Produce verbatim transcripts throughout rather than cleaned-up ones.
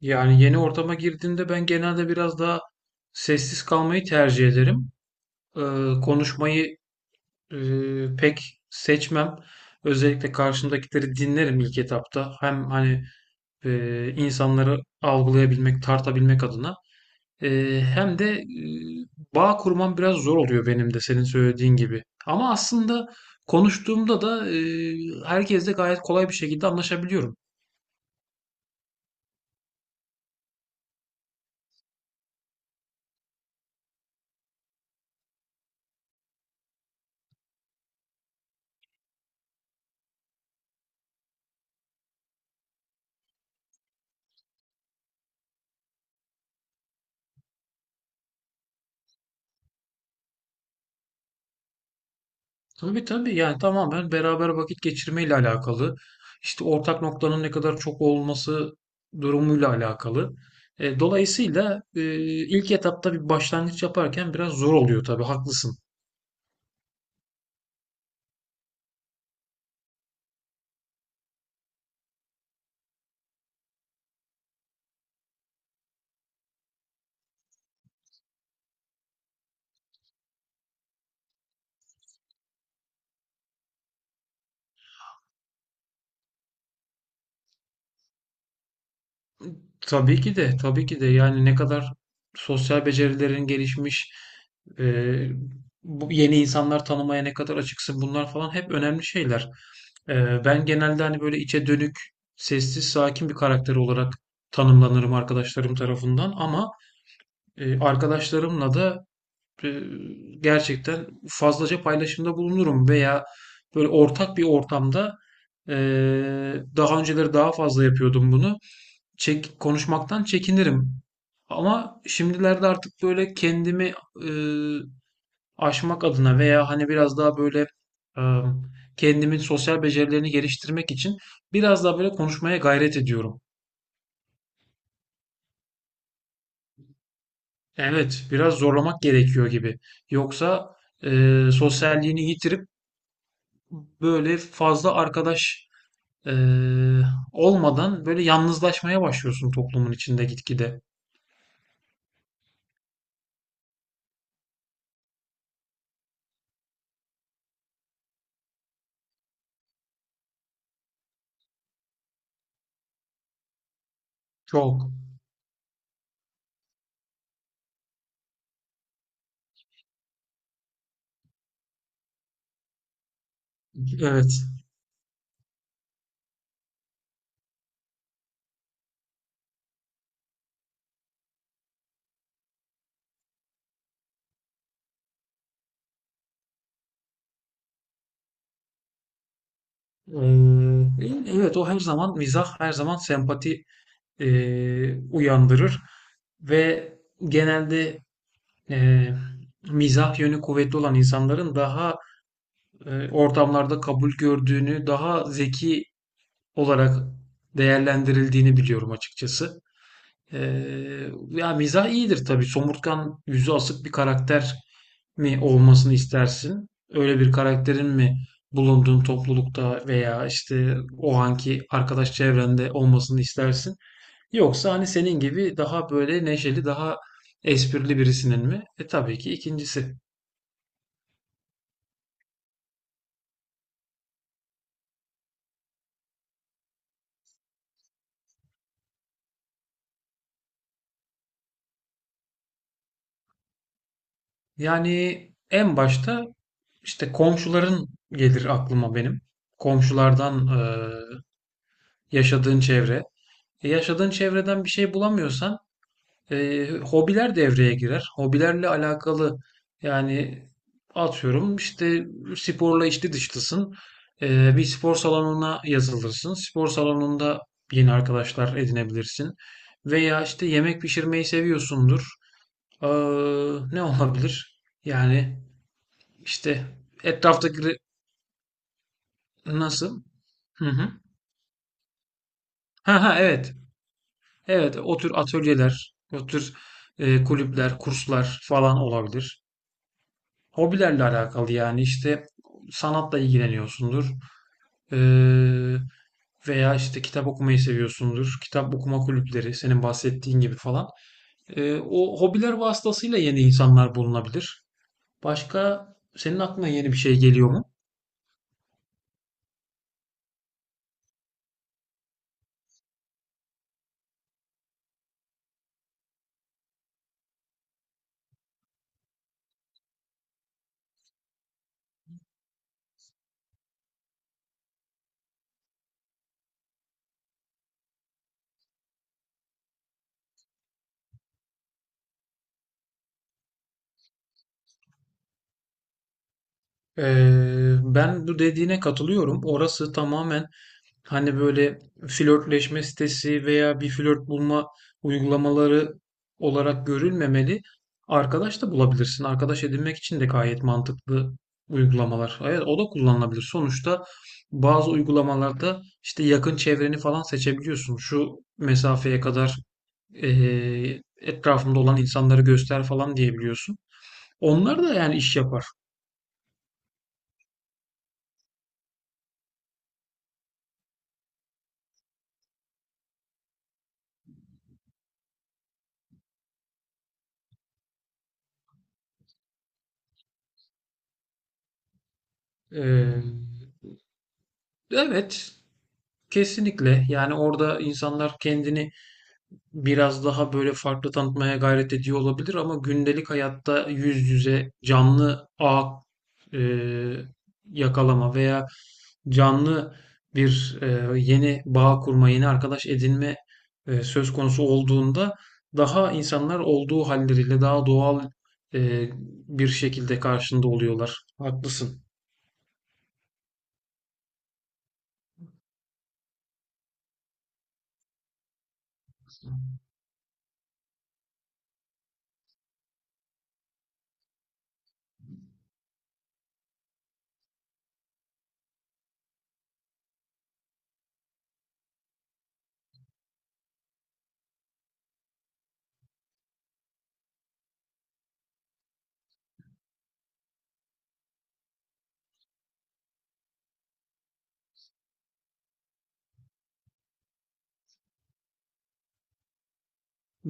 Yani yeni ortama girdiğimde ben genelde biraz daha sessiz kalmayı tercih ederim. Ee, Konuşmayı e, pek seçmem. Özellikle karşımdakileri dinlerim ilk etapta. Hem hani e, insanları algılayabilmek, tartabilmek adına. E, Hem de e, bağ kurmam biraz zor oluyor benim de senin söylediğin gibi. Ama aslında konuştuğumda da e, herkesle gayet kolay bir şekilde anlaşabiliyorum. Tabii tabii, yani tamamen beraber vakit geçirmeyle alakalı. İşte ortak noktanın ne kadar çok olması durumuyla alakalı. E, dolayısıyla e, ilk etapta bir başlangıç yaparken biraz zor oluyor tabii, haklısın. Tabii ki de, tabii ki de. Yani ne kadar sosyal becerilerin gelişmiş, e, bu yeni insanlar tanımaya ne kadar açıksın, bunlar falan hep önemli şeyler. E, ben genelde hani böyle içe dönük, sessiz, sakin bir karakter olarak tanımlanırım arkadaşlarım tarafından, ama e, arkadaşlarımla da e, gerçekten fazlaca paylaşımda bulunurum veya böyle ortak bir ortamda e, daha önceleri daha fazla yapıyordum bunu, çek konuşmaktan çekinirim. Ama şimdilerde artık böyle kendimi e, aşmak adına veya hani biraz daha böyle e, kendimin sosyal becerilerini geliştirmek için biraz daha böyle konuşmaya gayret ediyorum. Evet, biraz zorlamak gerekiyor gibi. Yoksa e, sosyalliğini yitirip böyle fazla arkadaş e, olmadan böyle yalnızlaşmaya başlıyorsun toplumun içinde gitgide. Çok. Evet. Eee, evet, o her zaman mizah, her zaman sempati eee, uyandırır ve genelde eee, mizah yönü kuvvetli olan insanların daha eee, ortamlarda kabul gördüğünü, daha zeki olarak değerlendirildiğini biliyorum açıkçası. Ee, ya mizah iyidir tabii. Somurtkan, yüzü asık bir karakter mi olmasını istersin? Öyle bir karakterin mi bulunduğun toplulukta veya işte o anki arkadaş çevrende olmasını istersin? Yoksa hani senin gibi daha böyle neşeli, daha esprili birisinin mi? E tabii ki ikincisi. Yani en başta işte komşuların gelir aklıma benim. Komşulardan, eee, yaşadığın çevre. E, yaşadığın çevreden bir şey bulamıyorsan E, hobiler devreye girer. Hobilerle alakalı yani, atıyorum işte, sporla içli dışlısın. E, bir spor salonuna yazılırsın. Spor salonunda yeni arkadaşlar edinebilirsin. Veya işte yemek pişirmeyi seviyorsundur. Ee, Ne olabilir? Yani işte etraftaki re- nasıl? Hı hı. Ha ha, evet. Evet, o tür atölyeler, o tür e, kulüpler, kurslar falan olabilir. Hobilerle alakalı yani, işte sanatla ilgileniyorsundur. Ee, Veya işte kitap okumayı seviyorsundur. Kitap okuma kulüpleri, senin bahsettiğin gibi falan. Ee, o hobiler vasıtasıyla yeni insanlar bulunabilir. Başka senin aklına yeni bir şey geliyor mu? Ee, ben bu dediğine katılıyorum. Orası tamamen hani böyle flörtleşme sitesi veya bir flört bulma uygulamaları olarak görülmemeli. Arkadaş da bulabilirsin. Arkadaş edinmek için de gayet mantıklı uygulamalar. Evet, o da kullanılabilir. Sonuçta bazı uygulamalarda işte yakın çevreni falan seçebiliyorsun. Şu mesafeye kadar eee etrafımda olan insanları göster falan diyebiliyorsun. Onlar da yani iş yapar. Eee Evet, kesinlikle. Yani orada insanlar kendini biraz daha böyle farklı tanıtmaya gayret ediyor olabilir, ama gündelik hayatta yüz yüze canlı ağ e, yakalama veya canlı bir e, yeni bağ kurma, yeni arkadaş edinme e, söz konusu olduğunda daha insanlar olduğu halleriyle daha doğal e, bir şekilde karşında oluyorlar. Haklısın.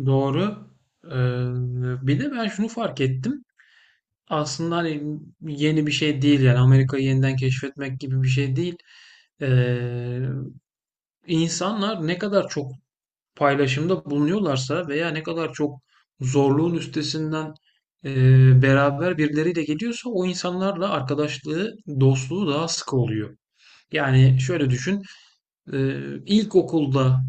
Doğru. Ee, Bir de ben şunu fark ettim. Aslında hani yeni bir şey değil, yani Amerika'yı yeniden keşfetmek gibi bir şey değil. Ee, insanlar ne kadar çok paylaşımda bulunuyorlarsa veya ne kadar çok zorluğun üstesinden e, beraber birileriyle geliyorsa o insanlarla arkadaşlığı, dostluğu daha sıkı oluyor. Yani şöyle düşün, e, ilkokulda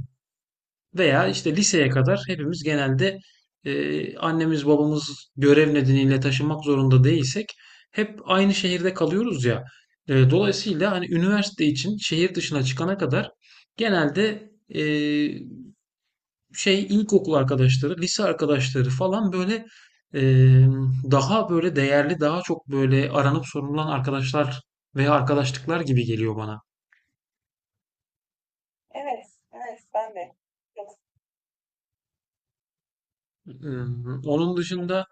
veya işte liseye kadar hepimiz genelde e, annemiz babamız görev nedeniyle taşınmak zorunda değilsek hep aynı şehirde kalıyoruz ya. E, dolayısıyla hani üniversite için şehir dışına çıkana kadar genelde e, şey ilkokul arkadaşları, lise arkadaşları falan böyle e, daha böyle değerli, daha çok böyle aranıp sorulan arkadaşlar veya arkadaşlıklar gibi geliyor bana. Hmm. Onun dışında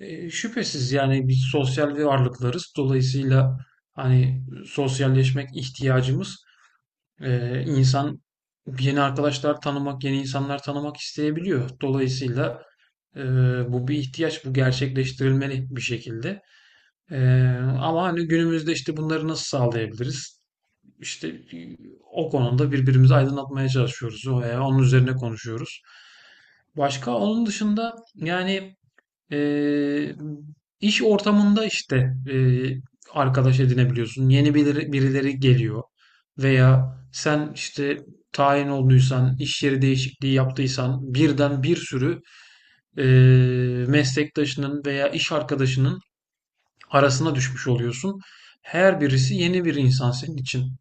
E, şüphesiz yani biz sosyal varlıklarız. Dolayısıyla hani sosyalleşmek ihtiyacımız, e, insan yeni arkadaşlar tanımak, yeni insanlar tanımak isteyebiliyor. Dolayısıyla e, bu bir ihtiyaç, bu gerçekleştirilmeli bir şekilde. E, Ama hani günümüzde işte bunları nasıl sağlayabiliriz? İşte e, o konuda birbirimizi aydınlatmaya çalışıyoruz veya onun üzerine konuşuyoruz. Başka onun dışında yani ee, iş ortamında işte e, arkadaş edinebiliyorsun. Yeni biri- birileri geliyor veya sen işte tayin olduysan, iş yeri değişikliği yaptıysan birden bir sürü e, meslektaşının veya iş arkadaşının arasına düşmüş oluyorsun. Her birisi yeni bir insan senin için.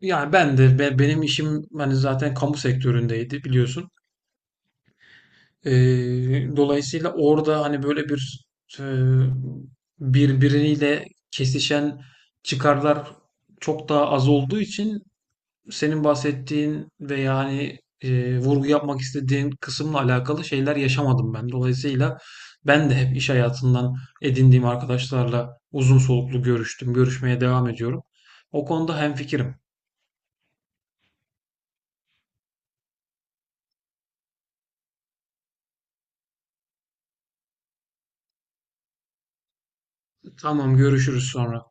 Yani ben de be- benim işim hani zaten kamu sektöründeydi, biliyorsun. Ee, Dolayısıyla orada hani böyle bir e, birbiriyle kesişen çıkarlar çok daha az olduğu için senin bahsettiğin ve yani e, vurgu yapmak istediğin kısımla alakalı şeyler yaşamadım ben. Dolayısıyla ben de hep iş hayatından edindiğim arkadaşlarla uzun soluklu görüştüm, görüşmeye devam ediyorum. O konuda hemfikirim. Tamam, görüşürüz sonra.